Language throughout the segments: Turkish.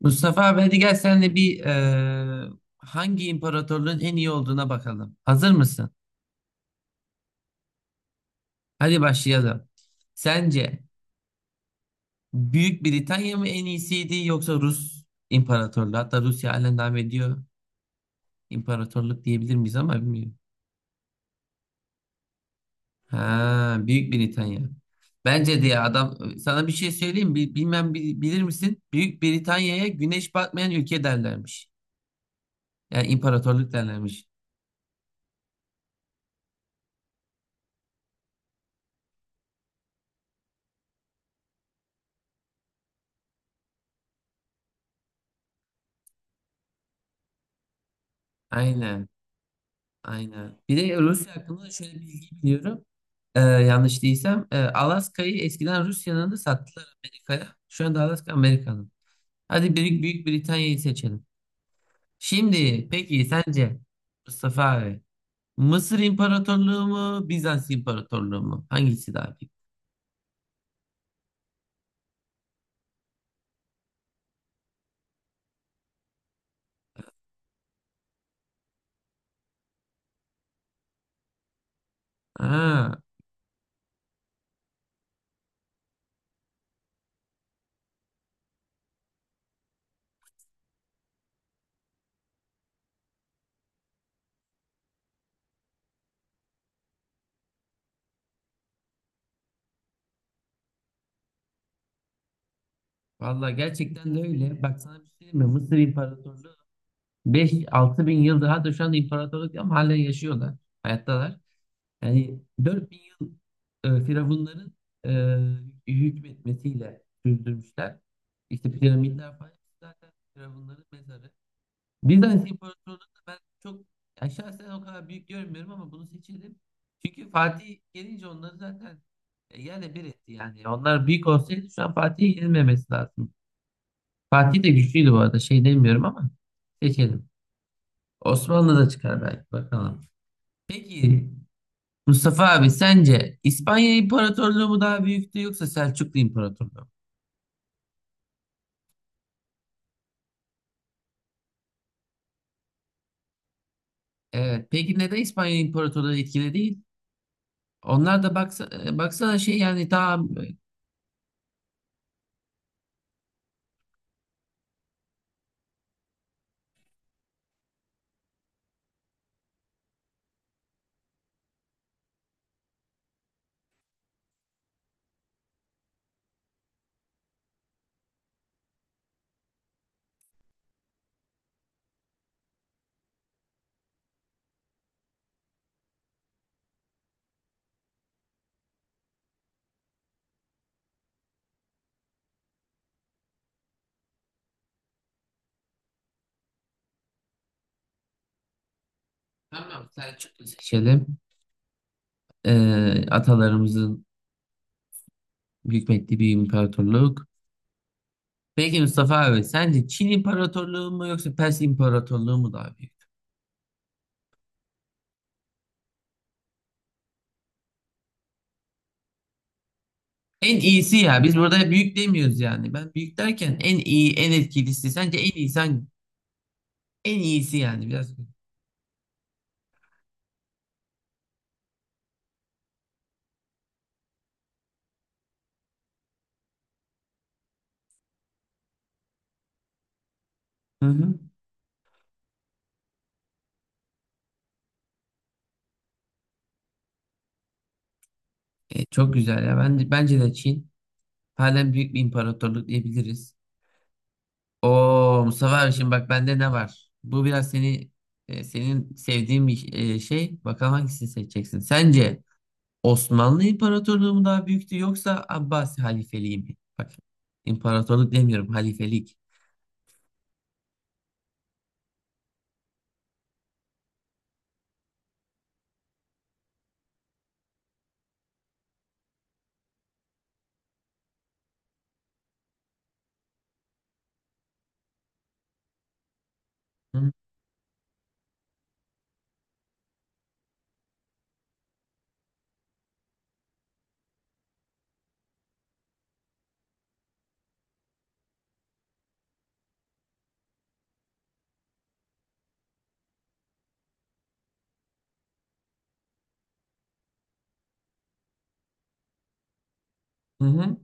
Mustafa abi hadi gel senle bir hangi imparatorluğun en iyi olduğuna bakalım. Hazır mısın? Hadi başlayalım. Sence Büyük Britanya mı en iyisiydi yoksa Rus İmparatorluğu? Hatta Rusya halen devam ediyor. İmparatorluk diyebilir miyiz ama bilmiyorum. Ha, Büyük Britanya. Bence de ya adam sana bir şey söyleyeyim mi? Bilmem bilir misin? Büyük Britanya'ya güneş batmayan ülke derlermiş. Yani imparatorluk derlermiş. Aynen. Aynen. Bir de Rusya hakkında da şöyle bir bilgi biliyorum. Yanlış değilsem, Alaska'yı eskiden Rusya'nın da sattılar Amerika'ya. Şu anda Alaska Amerika'nın. Hadi Büyük Britanya'yı seçelim. Şimdi peki sence Mustafa abi Mısır İmparatorluğu mu Bizans İmparatorluğu mu? Hangisi daha büyük? Aa, vallahi gerçekten de öyle. Bak sana bir şey diyeyim mi? Mısır İmparatorluğu 5-6 bin yıl daha da şu anda imparatorluk ama halen yaşıyorlar. Hayattalar. Yani 4000 yıl firavunların hükmetmesiyle sürdürmüşler. İşte piramitler falan zaten firavunların mezarı. Bizans İmparatorluğu'nu da ben çok ya şahsen o kadar büyük görmüyorum ama bunu seçelim. Çünkü Fatih gelince onları zaten yerle bir etti yani. Onlar büyük olsaydı şu an Fatih'e yenilmemesi lazım. Fatih de güçlüydü bu arada şey demiyorum ama seçelim. Osmanlı da çıkar belki bakalım. Peki Mustafa abi sence İspanya İmparatorluğu mu daha büyüktü yoksa Selçuklu İmparatorluğu mu? Evet. Peki neden İspanya İmparatorluğu etkili değil? Onlar da baksana şey yani daha tamam Selçuklu seçelim. Atalarımızın hükmettiği bir imparatorluk. Peki Mustafa abi sence Çin İmparatorluğu mu yoksa Pers İmparatorluğu mu daha büyük? En iyisi ya biz burada büyük demiyoruz yani. Ben büyük derken en iyi en etkilisi sence en iyi sen en iyisi yani biraz. Hı hı. Çok güzel ya. Bence de Çin halen büyük bir imparatorluk diyebiliriz. Oo Mustafa abi şimdi bak bende ne var? Bu biraz seni senin sevdiğin bir şey. Bakalım hangisini seçeceksin. Sence Osmanlı İmparatorluğu mu daha büyüktü yoksa Abbasi Halifeliği mi? Bak imparatorluk demiyorum halifelik. Hı hı. Hı.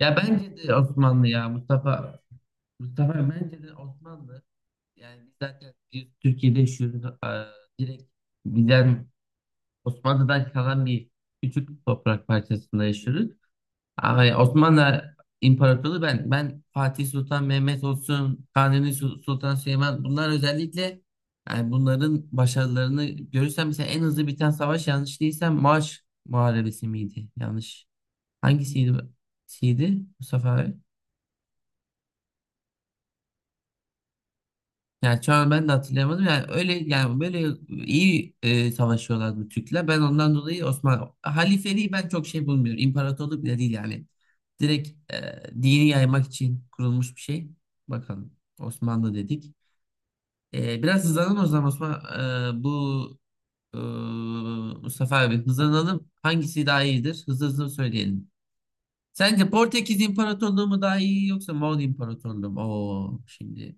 Ya bence de Osmanlı ya Mustafa. Mustafa bence de Osmanlı. Yani biz zaten Türkiye'de yaşıyoruz. Aa, direkt bizden Osmanlı'dan kalan bir küçük toprak parçasında yaşıyoruz. Ama Osmanlı İmparatorluğu ben Fatih Sultan Mehmet olsun, Sultan Süleyman bunlar özellikle yani bunların başarılarını görürsem mesela en hızlı biten savaş yanlış değilsem Maaş Muharebesi miydi? Yanlış. Hangisiydi? Siydi Mustafa abi? Yani şu an ben de hatırlayamadım. Yani öyle yani böyle iyi savaşıyorlardı Türkler. Ben ondan dolayı Osmanlı halifeliği ben çok şey bulmuyorum. İmparatorluk bile değil yani. Direkt dini yaymak için kurulmuş bir şey. Bakalım Osmanlı dedik. Biraz hızlanalım o zaman Osman. E, bu e, Mustafa abi hızlanalım. Hangisi daha iyidir? Hızlı hızlı söyleyelim. Sence Portekiz İmparatorluğu mu daha iyi yoksa Moğol İmparatorluğu mu? Oo, şimdi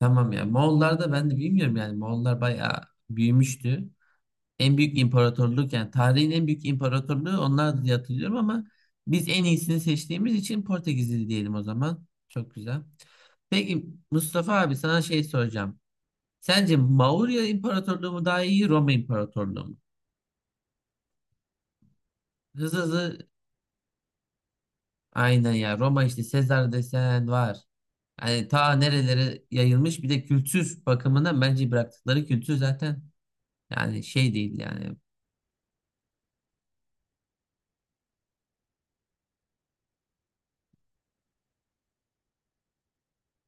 Tamam ya. Moğollar da ben de bilmiyorum yani. Moğollar bayağı büyümüştü. En büyük imparatorluk yani tarihin en büyük imparatorluğu onlar diye hatırlıyorum ama biz en iyisini seçtiğimiz için Portekizli diyelim o zaman. Çok güzel. Peki Mustafa abi sana şey soracağım. Sence Maurya İmparatorluğu mu daha iyi Roma İmparatorluğu mu? Hızlı hızlı aynen ya Roma işte Sezar desen var. Yani ta nerelere yayılmış bir de kültür bakımından bence bıraktıkları kültür zaten yani şey değil yani.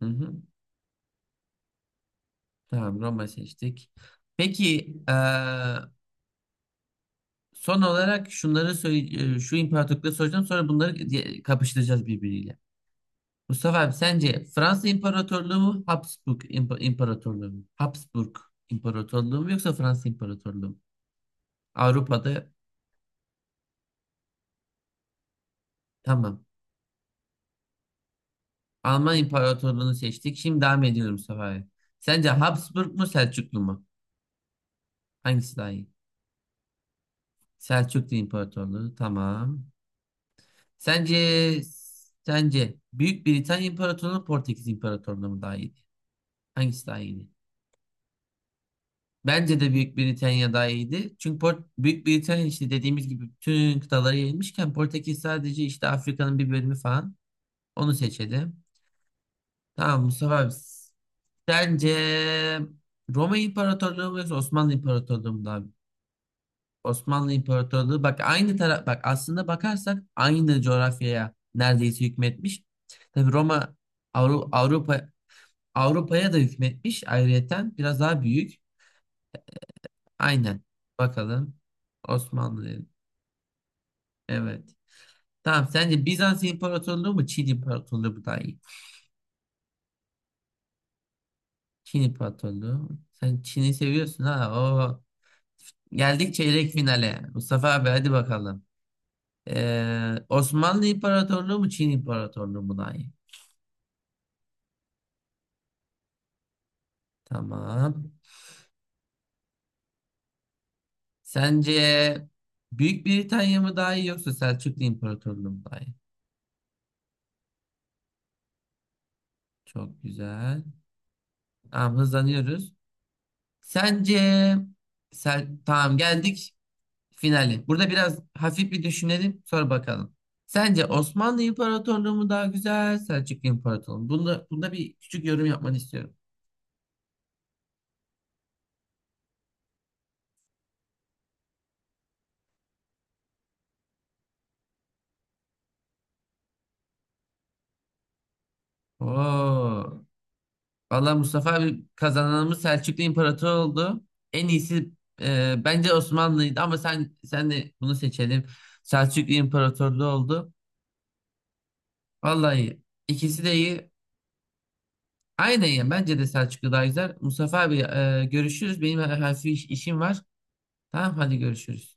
Hı hı. Tamam Roma seçtik. Peki eee, son olarak şunları söyle, şu imparatorlukları soracağım sonra bunları kapıştıracağız birbiriyle. Mustafa abi sence Fransa İmparatorluğu mu Habsburg İmparatorluğu mu? Habsburg İmparatorluğu mu yoksa Fransa İmparatorluğu mu? Avrupa'da tamam. Alman İmparatorluğunu seçtik. Şimdi devam ediyorum Mustafa abi. Sence Habsburg mu Selçuklu mu? Hangisi daha iyi? Selçuklu İmparatorluğu tamam. Sence sence Büyük Britanya İmparatorluğu Portekiz İmparatorluğu mu daha iyiydi? Hangisi daha iyiydi? Bence de Büyük Britanya daha iyiydi. Çünkü Büyük Britanya işte dediğimiz gibi bütün kıtalara yayılmışken Portekiz sadece işte Afrika'nın bir bölümü falan. Onu seçelim. Tamam Mustafa abi. Sence Roma İmparatorluğu mu yoksa Osmanlı İmparatorluğu mu daha? Osmanlı İmparatorluğu bak aynı taraf bak aslında bakarsak aynı coğrafyaya neredeyse hükmetmiş. Tabii Roma Avru- Avrupa Avrupa'ya da hükmetmiş ayrıyeten biraz daha büyük. Aynen. Bakalım. Osmanlı dedim. Evet. Tamam sence Bizans İmparatorluğu mu Çin İmparatorluğu mu daha iyi? Çin İmparatorluğu. Sen Çin'i seviyorsun ha. Geldik çeyrek finale. Mustafa abi hadi bakalım. Osmanlı İmparatorluğu mu Çin İmparatorluğu mu daha iyi? Tamam. Sence Büyük Britanya mı daha iyi yoksa Selçuklu İmparatorluğu mu daha iyi? Çok güzel. Tamam hızlanıyoruz. Sence sen tamam geldik finale. Burada biraz hafif bir düşünelim sonra bakalım. Sence Osmanlı İmparatorluğu mu daha güzel, Selçuklu İmparatorluğu mu? Bunda bir küçük yorum yapmanı istiyorum. Oo. Vallahi Mustafa abi kazananımız Selçuklu İmparator oldu. En iyisi bence Osmanlı'ydı ama sen de bunu seçelim. Selçuklu İmparatorluğu oldu. Vallahi ikisi de iyi. Aynen ya bence de Selçuklu daha güzel. Mustafa abi görüşürüz. Benim hafif işim var. Tamam hadi görüşürüz.